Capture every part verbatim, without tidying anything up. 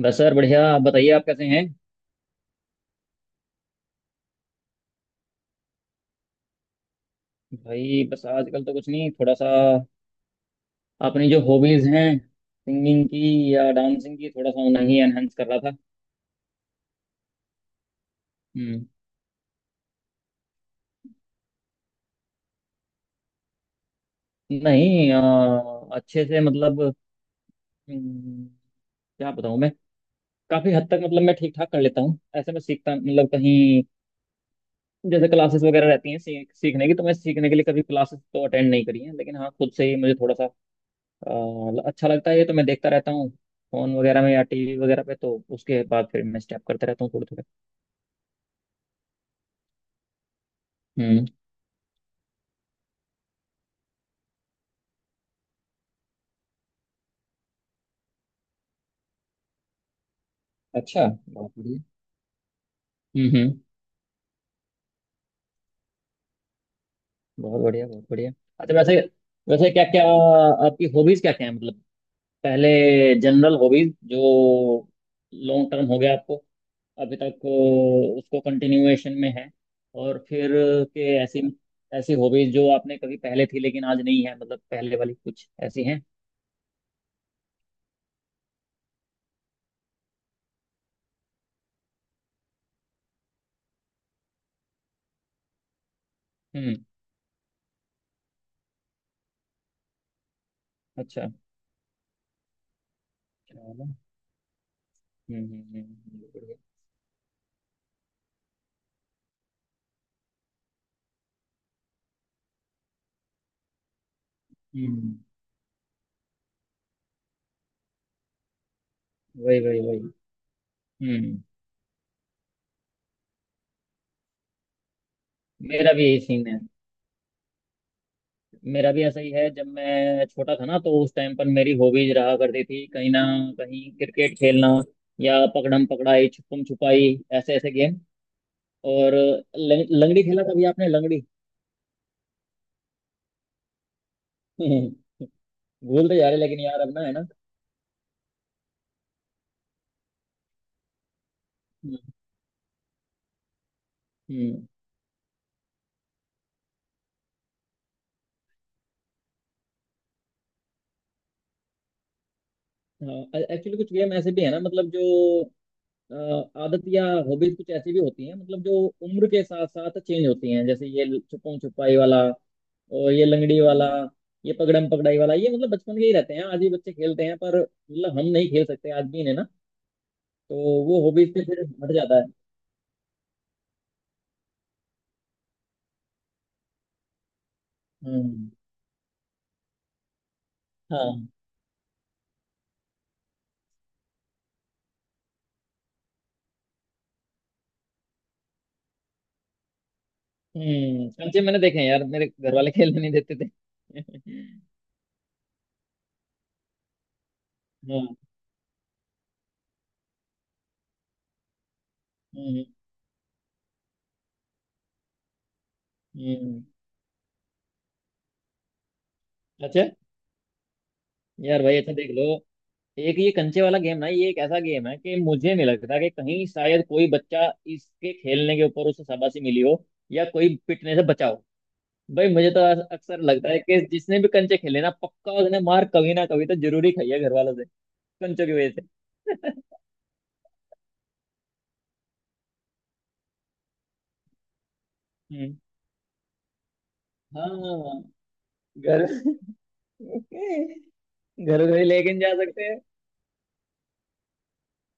बस सर बढ़िया। आप बताइए आप कैसे हैं? भाई बस आजकल तो कुछ नहीं, थोड़ा सा अपनी जो हॉबीज हैं सिंगिंग की या डांसिंग की, थोड़ा सा उन्हें ही एनहेंस कर रहा था। हम्म। नहीं, अ, अच्छे से मतलब हम्म, क्या बताऊँ मैं? काफी हद तक मतलब मैं ठीक ठाक कर लेता हूँ ऐसे। मैं सीखता मतलब कहीं जैसे क्लासेस वगैरह रहती हैं सीख, सीखने की, तो मैं सीखने के लिए कभी क्लासेस तो अटेंड नहीं करी हैं, लेकिन हाँ खुद से ही मुझे थोड़ा सा अ, अच्छा लगता है, ये तो मैं देखता रहता हूँ फोन वगैरह में या टीवी वगैरह पे, तो उसके बाद फिर मैं स्टेप करता रहता हूँ थोड़े थोड़े। हम्म। अच्छा, बहुत बढ़िया। हम्म हम्म। बहुत बढ़िया, बहुत बढ़िया। अच्छा वैसे, वैसे क्या क्या आपकी हॉबीज क्या क्या है, मतलब पहले जनरल हॉबीज जो लॉन्ग टर्म हो गया आपको अभी तक, अ, उसको कंटिन्यूएशन में है। और फिर के ऐसी, ऐसी हॉबीज जो आपने कभी पहले थी लेकिन आज नहीं है, मतलब पहले वाली कुछ ऐसी हैं। हम्म। अच्छा। चलो। हम्म हम्म, हम्म, बढ़िया। हम्म हम्म, वही वही वही। हम्म। मेरा भी यही सीन है। मेरा भी ऐसा ही है, जब मैं छोटा था ना तो उस टाइम पर मेरी हॉबीज रहा करती थी कहीं ना कहीं क्रिकेट खेलना, या पकड़म पकड़ाई, छुपम छुपाई, ऐसे ऐसे गेम। और लंग, लंगड़ी खेला कभी आपने लंगड़ी? भूलते जा रहे लेकिन, यार अब ना है ना। हम्म। एक्चुअली कुछ गेम ऐसे भी है ना मतलब जो अ, आदत या हॉबीज कुछ ऐसी भी होती हैं मतलब जो उम्र के साथ साथ चेंज होती हैं, जैसे ये छुपम छुपाई वाला और ये लंगड़ी वाला, ये पकड़म पकड़ाई वाला, ये मतलब बचपन के ही रहते हैं, आज भी बच्चे खेलते हैं, पर मतलब हम नहीं खेल सकते आज भी इन्हें ना, तो वो हॉबीज से फिर हट जाता है। हम्म। हाँ। हम्म कंचे मैंने देखे हैं यार, मेरे घर वाले खेलने नहीं देते थे। हाँ। हम्म हम्म। अच्छा। यार भाई अच्छा देख लो, एक ये कंचे वाला गेम ना, ये एक ऐसा गेम है कि मुझे नहीं लगता कि कहीं शायद कोई बच्चा इसके खेलने के ऊपर उसे शाबाशी मिली हो या कोई पिटने से बचा हो। भाई मुझे तो अस- अक्सर लगता है कि जिसने भी कंचे खेले ना, पक्का उसने मार कभी ना कभी तो जरूरी खाई है घर वालों से, कंचों की वजह से। हम्म, हाँ। घर घर से लेकिन जा सकते हैं।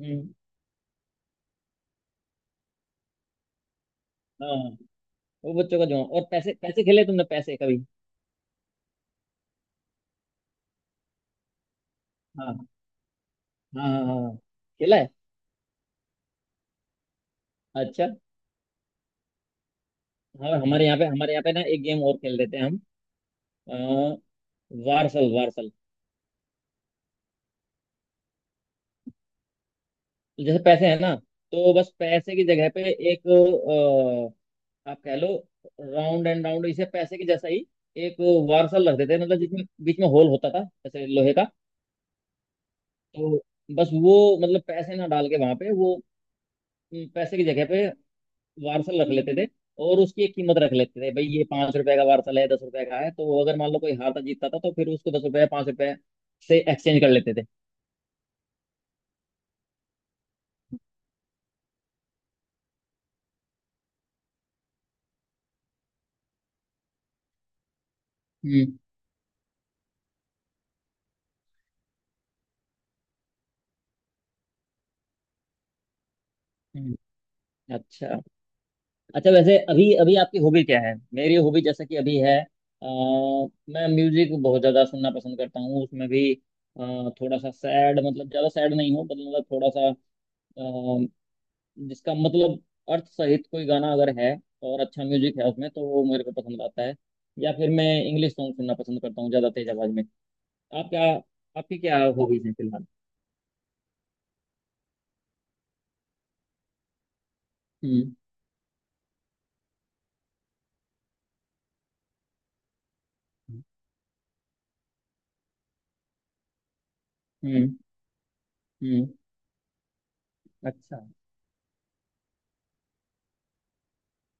हम्म। हाँ, वो बच्चों का जो, और पैसे पैसे खेले तुमने पैसे कभी? हाँ हाँ हाँ, हाँ, हाँ। खेला है। अच्छा। हाँ हमारे यहाँ पे, हमारे यहाँ पे ना एक गेम और खेल देते हैं हम, अ, वारसल, वारसल। तो जैसे पैसे हैं ना, तो बस पैसे की जगह पे एक अ, आप कह लो राउंड एंड राउंड, इसे पैसे के जैसा ही एक वारसल रख देते हैं, मतलब जिसमें बीच में होल होता था, जैसे लोहे का। तो बस वो, मतलब पैसे ना डाल के, वहां पे वो अम, पैसे की जगह पे वारसल रख लेते थे, और उसकी एक कीमत रख लेते थे, भाई ये पांच रुपए का वारसल है, दस रुपए का है। तो अगर मान लो कोई हारता जीतता था तो फिर उसको दस रुपए, पांच रुपए से एक्सचेंज कर लेते थे। हम्म हम्म, अच्छा। अच्छा वैसे अभी, अभी आपकी हॉबी क्या है, मेरी हॉबी जैसा कि अभी है, अ, मैं म्यूजिक बहुत ज्यादा सुनना पसंद करता हूँ, उसमें भी अ, थोड़ा सा सैड, मतलब ज्यादा सैड नहीं हो, बट मतलब थोड़ा सा अ, जिसका मतलब अर्थ सहित कोई गाना अगर है और अच्छा म्यूजिक है उसमें, तो वो मेरे को पसंद आता है। या फिर मैं इंग्लिश सॉन्ग सुनना पसंद करता हूँ ज्यादा तेज आवाज में। आप क्या, आपकी क्या हॉबीज है फिलहाल? हम्म हम्म हम्म। अच्छा।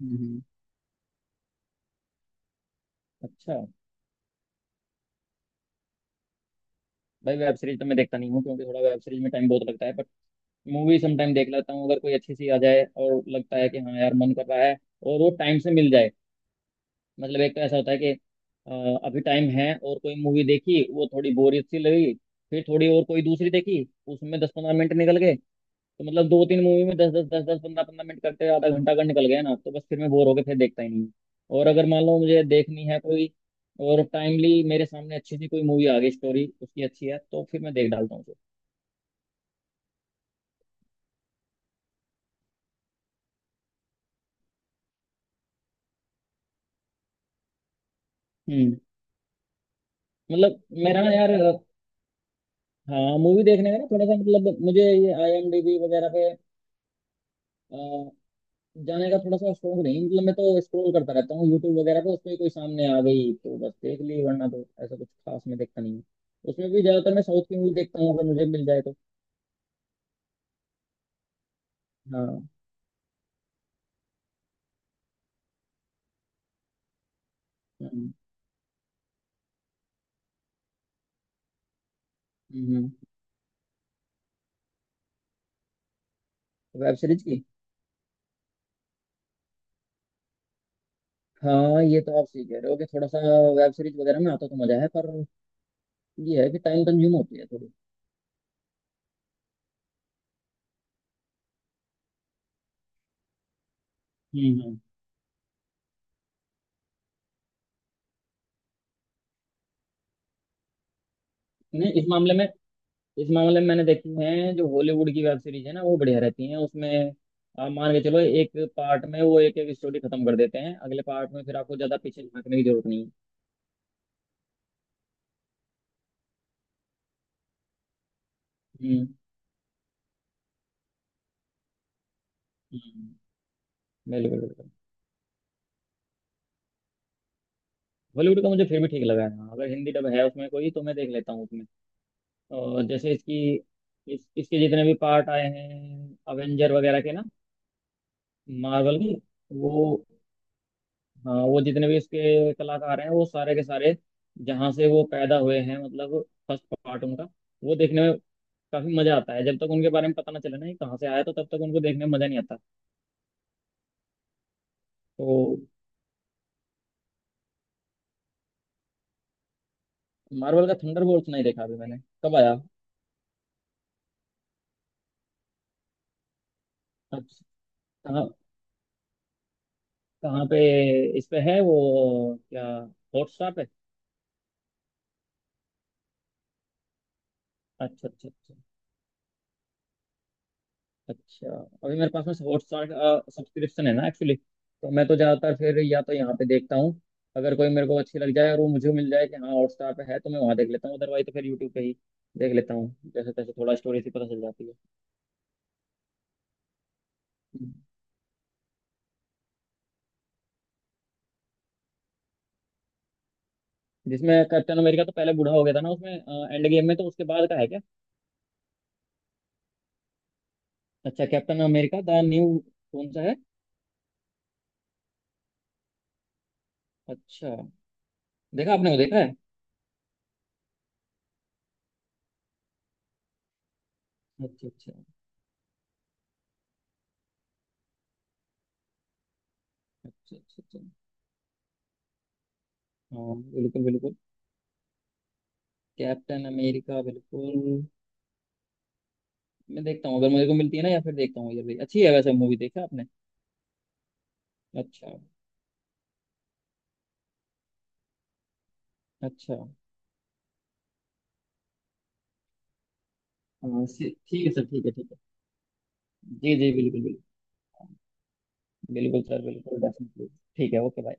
हम्म हम्म, अच्छा। भाई वेब सीरीज तो मैं देखता नहीं हूँ, क्योंकि थोड़ा वेब सीरीज में टाइम बहुत लगता है, बट मूवी समटाइम देख लेता हूँ अगर कोई अच्छी सी आ जाए और लगता है कि हाँ यार मन कर रहा है और वो टाइम से मिल जाए। मतलब एक तो ऐसा होता है कि अ, अभी टाइम है और कोई मूवी देखी, वो थोड़ी बोरियत सी लगी, फिर थोड़ी और कोई दूसरी देखी, उसमें दस पंद्रह मिनट निकल गए, तो मतलब दो तीन मूवी में दस दस दस दस पंद्रह पंद्रह मिनट करते आधा घंटा अगर निकल गया ना, तो बस फिर मैं बोर होके फिर देखता ही नहीं हूँ। और अगर मान लो मुझे देखनी है कोई और टाइमली मेरे सामने अच्छी सी कोई मूवी आ गई, स्टोरी उसकी अच्छी है, तो फिर मैं देख डालता हूँ उसे। हम्म। मतलब मेरा ना यार, हाँ, मूवी देखने का ना थोड़ा सा मतलब, मुझे ये आईएमडीबी वगैरह पे जाने का थोड़ा सा शौक नहीं। मतलब मैं तो स्क्रॉल करता रहता हूँ यूट्यूब वगैरह पे, उसमें कोई सामने आ गई तो बस देख ली, वरना तो ऐसा कुछ खास मैं देखता नहीं हूँ। उसमें भी ज्यादातर मैं साउथ की मूवी देखता हूँ अगर मुझे मिल जाए तो। हाँ। हम्म हम्म। वेब सीरीज की हाँ, ये तो आप सही कह रहे हो कि थोड़ा सा वेब सीरीज वगैरह में आता तो मजा है, पर ये है कि टाइम कंज्यूम होती है थोड़ी। हम्म हम्म। नहीं, इस मामले में, इस मामले में मैंने देखी है, जो हॉलीवुड की वेब सीरीज है ना, वो बढ़िया रहती है। उसमें आप मान के चलो एक पार्ट में वो एक एक स्टोरी खत्म कर देते हैं, अगले पार्ट में फिर आपको ज्यादा पीछे झांकने की जरूरत नहीं है। हम्म हम्म, बिल्कुल बिल्कुल। हॉलीवुड का मुझे फिर भी ठीक लगा है हाँ, अगर हिंदी डब है उसमें कोई तो मैं देख लेता हूँ उसमें। और जैसे इसकी, इस इसके जितने भी पार्ट आए हैं, अवेंजर वगैरह के ना, मार्वल के, वो, हाँ वो जितने भी इसके कलाकार हैं वो सारे के सारे, जहाँ से वो पैदा हुए हैं मतलब फर्स्ट पार्ट उनका, वो देखने में काफी मजा आता है। जब तक उनके बारे में पता ना चले ना ये कहाँ से आया, तो तब तक उनको देखने में मजा नहीं आता। तो मार्वल का थंडरबोल्ट्स नहीं देखा अभी मैंने। कब आया? अच्छा। कहाँ, कहाँ पे, इस पे है वो क्या, हॉटस्टार पे? अच्छा अच्छा अच्छा। अच्छा अभी मेरे पास में हॉटस्टार सब्सक्रिप्शन है ना एक्चुअली, तो मैं तो ज़्यादातर फिर या तो यहाँ पे देखता हूँ। अगर कोई मेरे को अच्छी लग जाए और वो मुझे मिल जाए कि हाँ हॉटस्टार पे है, तो मैं वहाँ देख लेता हूँ, अदरवाइज तो फिर यूट्यूब पे ही देख लेता हूँ जैसे तैसे, थोड़ा स्टोरी से पता चल जाती है। हम्म। जिसमें कैप्टन अमेरिका तो पहले बूढ़ा हो गया था ना उसमें एंड गेम में, तो उसके बाद का है क्या? अच्छा, कैप्टन अमेरिका द न्यू, कौन सा है? अच्छा। देखा आपने, वो देखा है? अच्छा अच्छा अच्छा। अच्छा। अच्छा। हाँ बिल्कुल बिल्कुल। कैप्टन अमेरिका, बिल्कुल मैं देखता हूँ अगर मेरे को मिलती है ना, या फिर देखता हूँ, ये भी अच्छी है वैसे मूवी, देखा आपने? अच्छा अच्छा। हाँ से- ठीक है सर, ठीक है, ठीक है। जी जी बिल्कुल। बिल्कुल। बिल्कुल सर, बिल्कुल डेफिनेटली। ठीक है, ओके, बाय।